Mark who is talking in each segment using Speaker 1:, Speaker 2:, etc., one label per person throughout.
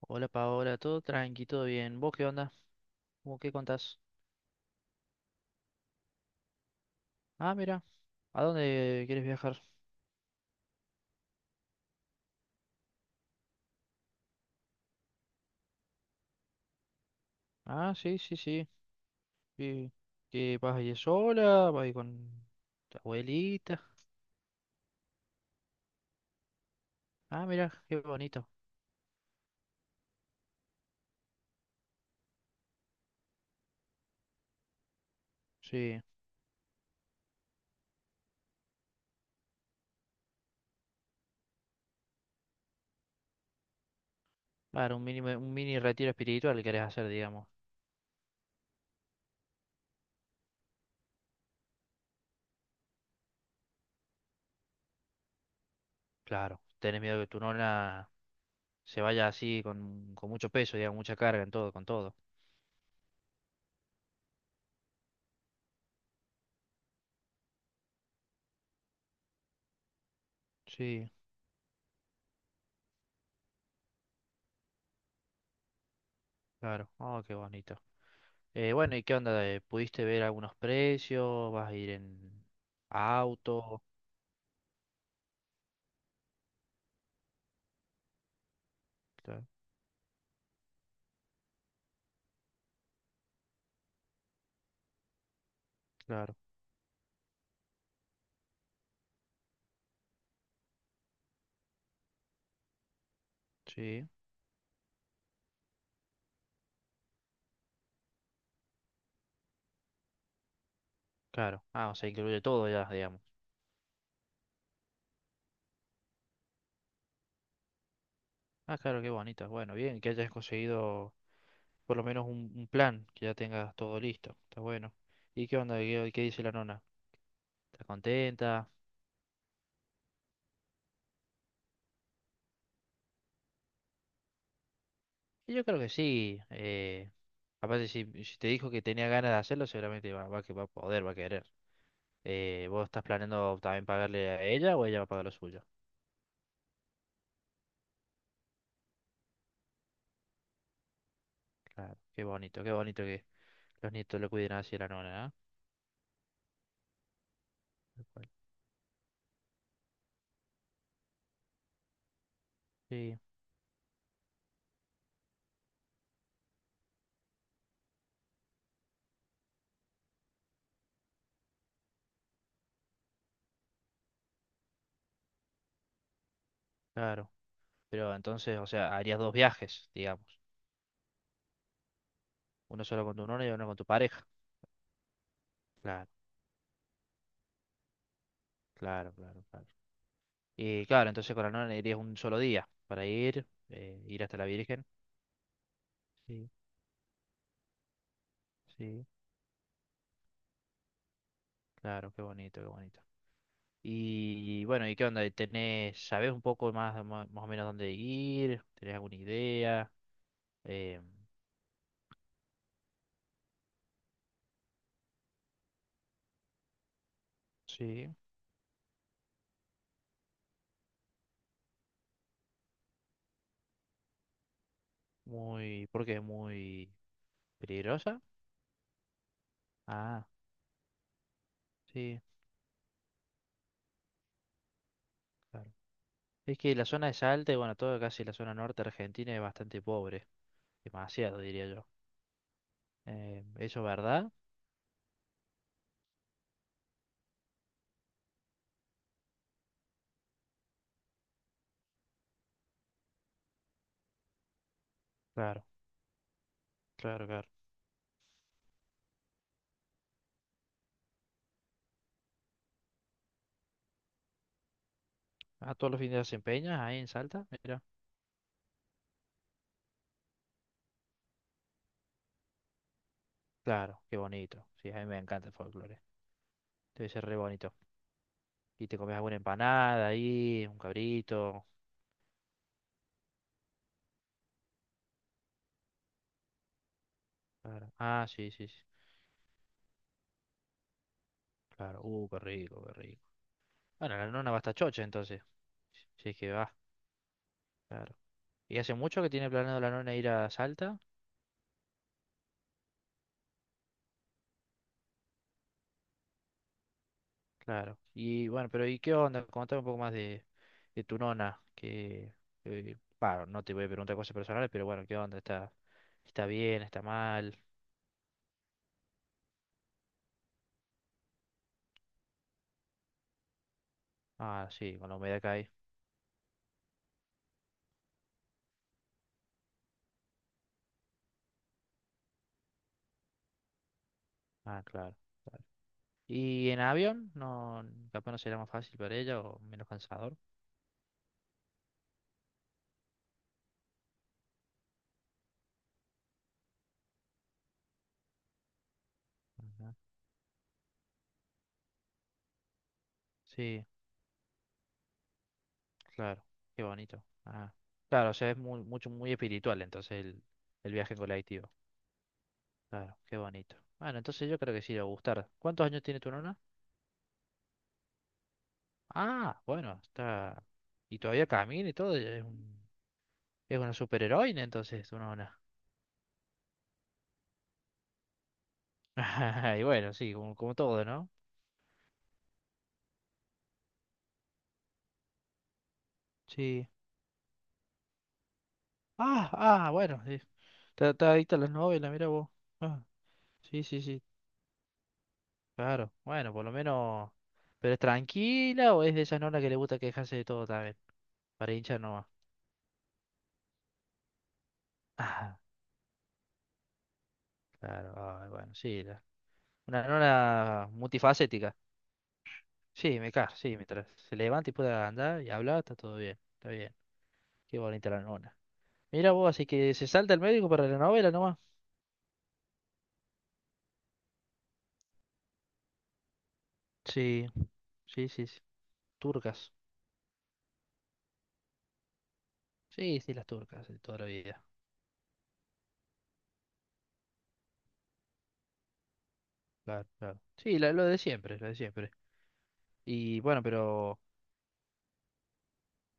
Speaker 1: Hola Paola, todo tranqui, todo bien. ¿Vos qué onda? ¿Cómo qué contás? Ah, mira, ¿a dónde quieres viajar? Ah, sí, sí, sí. ¿Y qué vas a ir sola? ¿Vas a ir con tu abuelita? Ah, mira, qué bonito. Sí, claro, un mini retiro espiritual querés hacer, digamos. Claro, tenés miedo que tu nona se vaya así con mucho peso, digamos, mucha carga en todo, con todo. Sí, claro. Oh, qué bonito. Bueno, ¿y qué onda? ¿Pudiste ver algunos precios? ¿Vas a ir en auto? Claro, claro, sí, claro. Ah, o sea, incluye todo ya, digamos. Ah, claro, qué bonita. Bueno, bien, que hayas conseguido por lo menos un plan, que ya tengas todo listo. Está bueno. ¿Y qué onda? ¿Qué dice la nona? ¿Está contenta? Y yo creo que sí. Aparte, si te dijo que tenía ganas de hacerlo, seguramente va, que va a poder, va a querer. ¿Vos estás planeando también pagarle a ella o ella va a pagar lo suyo? Claro, qué bonito que los nietos lo cuiden así a la nona, ¿ah? Tal cual. Sí, claro. Pero entonces, o sea, harías dos viajes, digamos. Uno solo con tu nona y uno con tu pareja. Claro, claro, claro, claro. Y claro, entonces con la nona irías un solo día para ir, ir hasta la Virgen. Sí, sí, claro, qué bonito, qué bonito. Y bueno, ¿y qué onda? ¿Tenés, sabés un poco más, más o menos dónde ir? ¿Tenés alguna idea? Eh, sí, muy, ¿por qué? Muy peligrosa. Ah, sí, claro. Es que la zona de Salta y bueno, toda casi la zona norte argentina es bastante pobre. Demasiado, diría yo. ¿Eso es verdad? Claro, claro, claro. Ah, todos los fines de semana empeñas ahí en Salta, mira. Claro, qué bonito. Sí, a mí me encanta el folclore. Debe ser re bonito. Y te comes alguna empanada ahí, un cabrito. Claro. Ah, sí, sí, sí. Claro, qué rico, qué rico. Bueno, la nona va hasta chocha entonces. Sí, sí, claro. ¿Y hace mucho que tiene planeado la nona ir a Salta? Claro. Y bueno, pero ¿y qué onda? Contame un poco más de tu nona, que, bah, no te voy a preguntar cosas personales, pero bueno, ¿qué onda? ¿Está bien? ¿Está mal? Ah, sí, con la humedad que hay. Ah, claro. ¿Y en avión? No, capaz no será más fácil para ella o menos cansador. Ajá. Sí, claro, qué bonito. Ah, claro, o sea, es muy, mucho, muy espiritual entonces el viaje en colectivo. Claro, qué bonito. Bueno, entonces yo creo que sí le va a gustar. ¿Cuántos años tiene tu nona? Ah, bueno, está... Y todavía camina y todo, es un Es una superheroína, entonces, una ona. Y bueno, sí, como todo, ¿no? Sí. Ah, ah, bueno, sí. Está adicta a las novelas, mira vos. Ah, sí, sí, sí, claro. Bueno, por lo menos. ¿Pero es tranquila o es de esas nonas que le gusta quejarse de todo también? Para hinchar nomás. Ah, claro, ay, bueno, sí. la- Una nona multifacética. Sí, me cae, sí, mientras se levanta y pueda andar y hablar, está todo bien, está bien. Qué bonita la nona. Mira vos, así que se salta el médico para la novela nomás. Sí. Sí, sí, sí. Turcas. Sí, sí, las turcas, de toda la vida. Claro, claro. Sí, la- lo de siempre, lo de siempre. Y bueno, pero.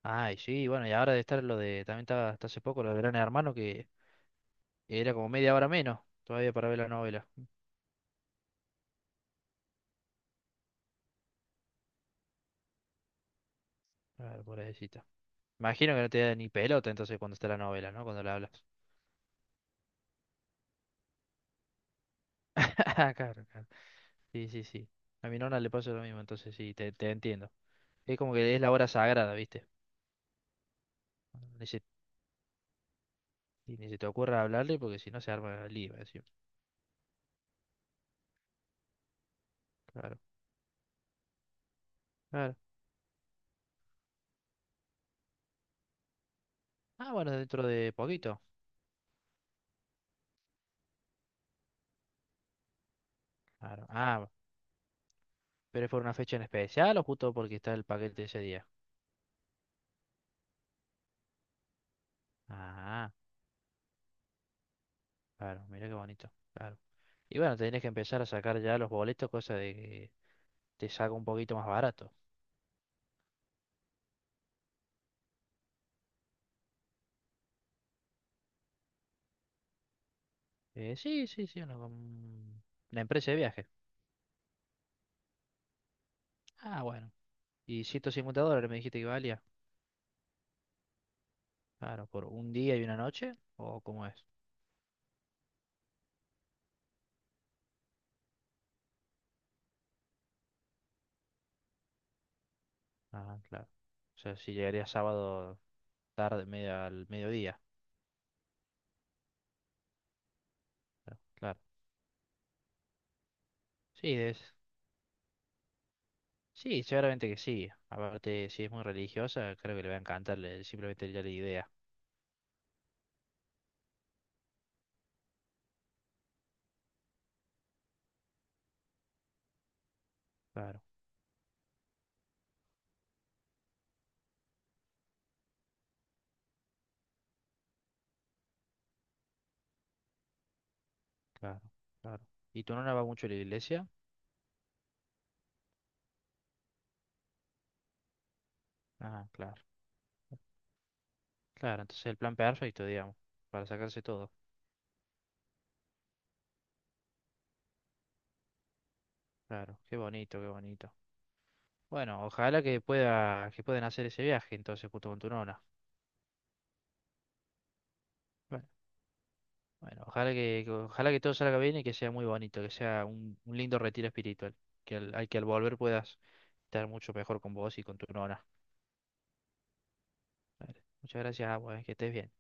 Speaker 1: Ay, sí, bueno, y ahora de estar lo de. También estaba hasta hace poco lo de Gran Hermano, que era como media hora menos todavía para ver la novela. Claro, pobrecita. Imagino que no te da ni pelota entonces cuando está la novela, ¿no? Cuando la hablas. Claro, claro. Sí, sí, sí. A mi nona le pasa lo mismo, entonces sí, te entiendo. Es como que es la hora sagrada, ¿viste? Ni se, ni se te ocurra hablarle porque si no se arma el lío, encima. Claro. Claro, ah, bueno, dentro de poquito. Claro. Ah, pero es por una fecha en especial o justo porque está el paquete ese día. Ah, claro, mira qué bonito. Claro. Y bueno, tenés que empezar a sacar ya los boletos, cosa de que te salga un poquito más barato. Eh, sí, sí, sí, una, com- una empresa de viaje. Ah, bueno. ¿Y 150 dólares me dijiste que valía? Claro, por un día y una noche, ¿o cómo es? Ah, claro. O sea, si llegaría sábado tarde, media, al mediodía. Claro. Claro. Sí, es sí, seguramente que sí. Aparte, si es muy religiosa, creo que le va a encantar le- simplemente ya la idea. Claro, claro, claro. ¿Y tu nona va mucho a la iglesia? Ah, claro, claro. Entonces el plan perfecto, digamos, para sacarse todo. Claro, qué bonito, qué bonito. Bueno, ojalá que pueda, que puedan hacer ese viaje entonces junto con tu nona. Bueno, bueno, ojalá ojalá que todo salga bien y que sea muy bonito, que sea un lindo retiro espiritual. Que al volver puedas estar mucho mejor con vos y con tu nona. Vale. Muchas gracias, agua, que estés bien.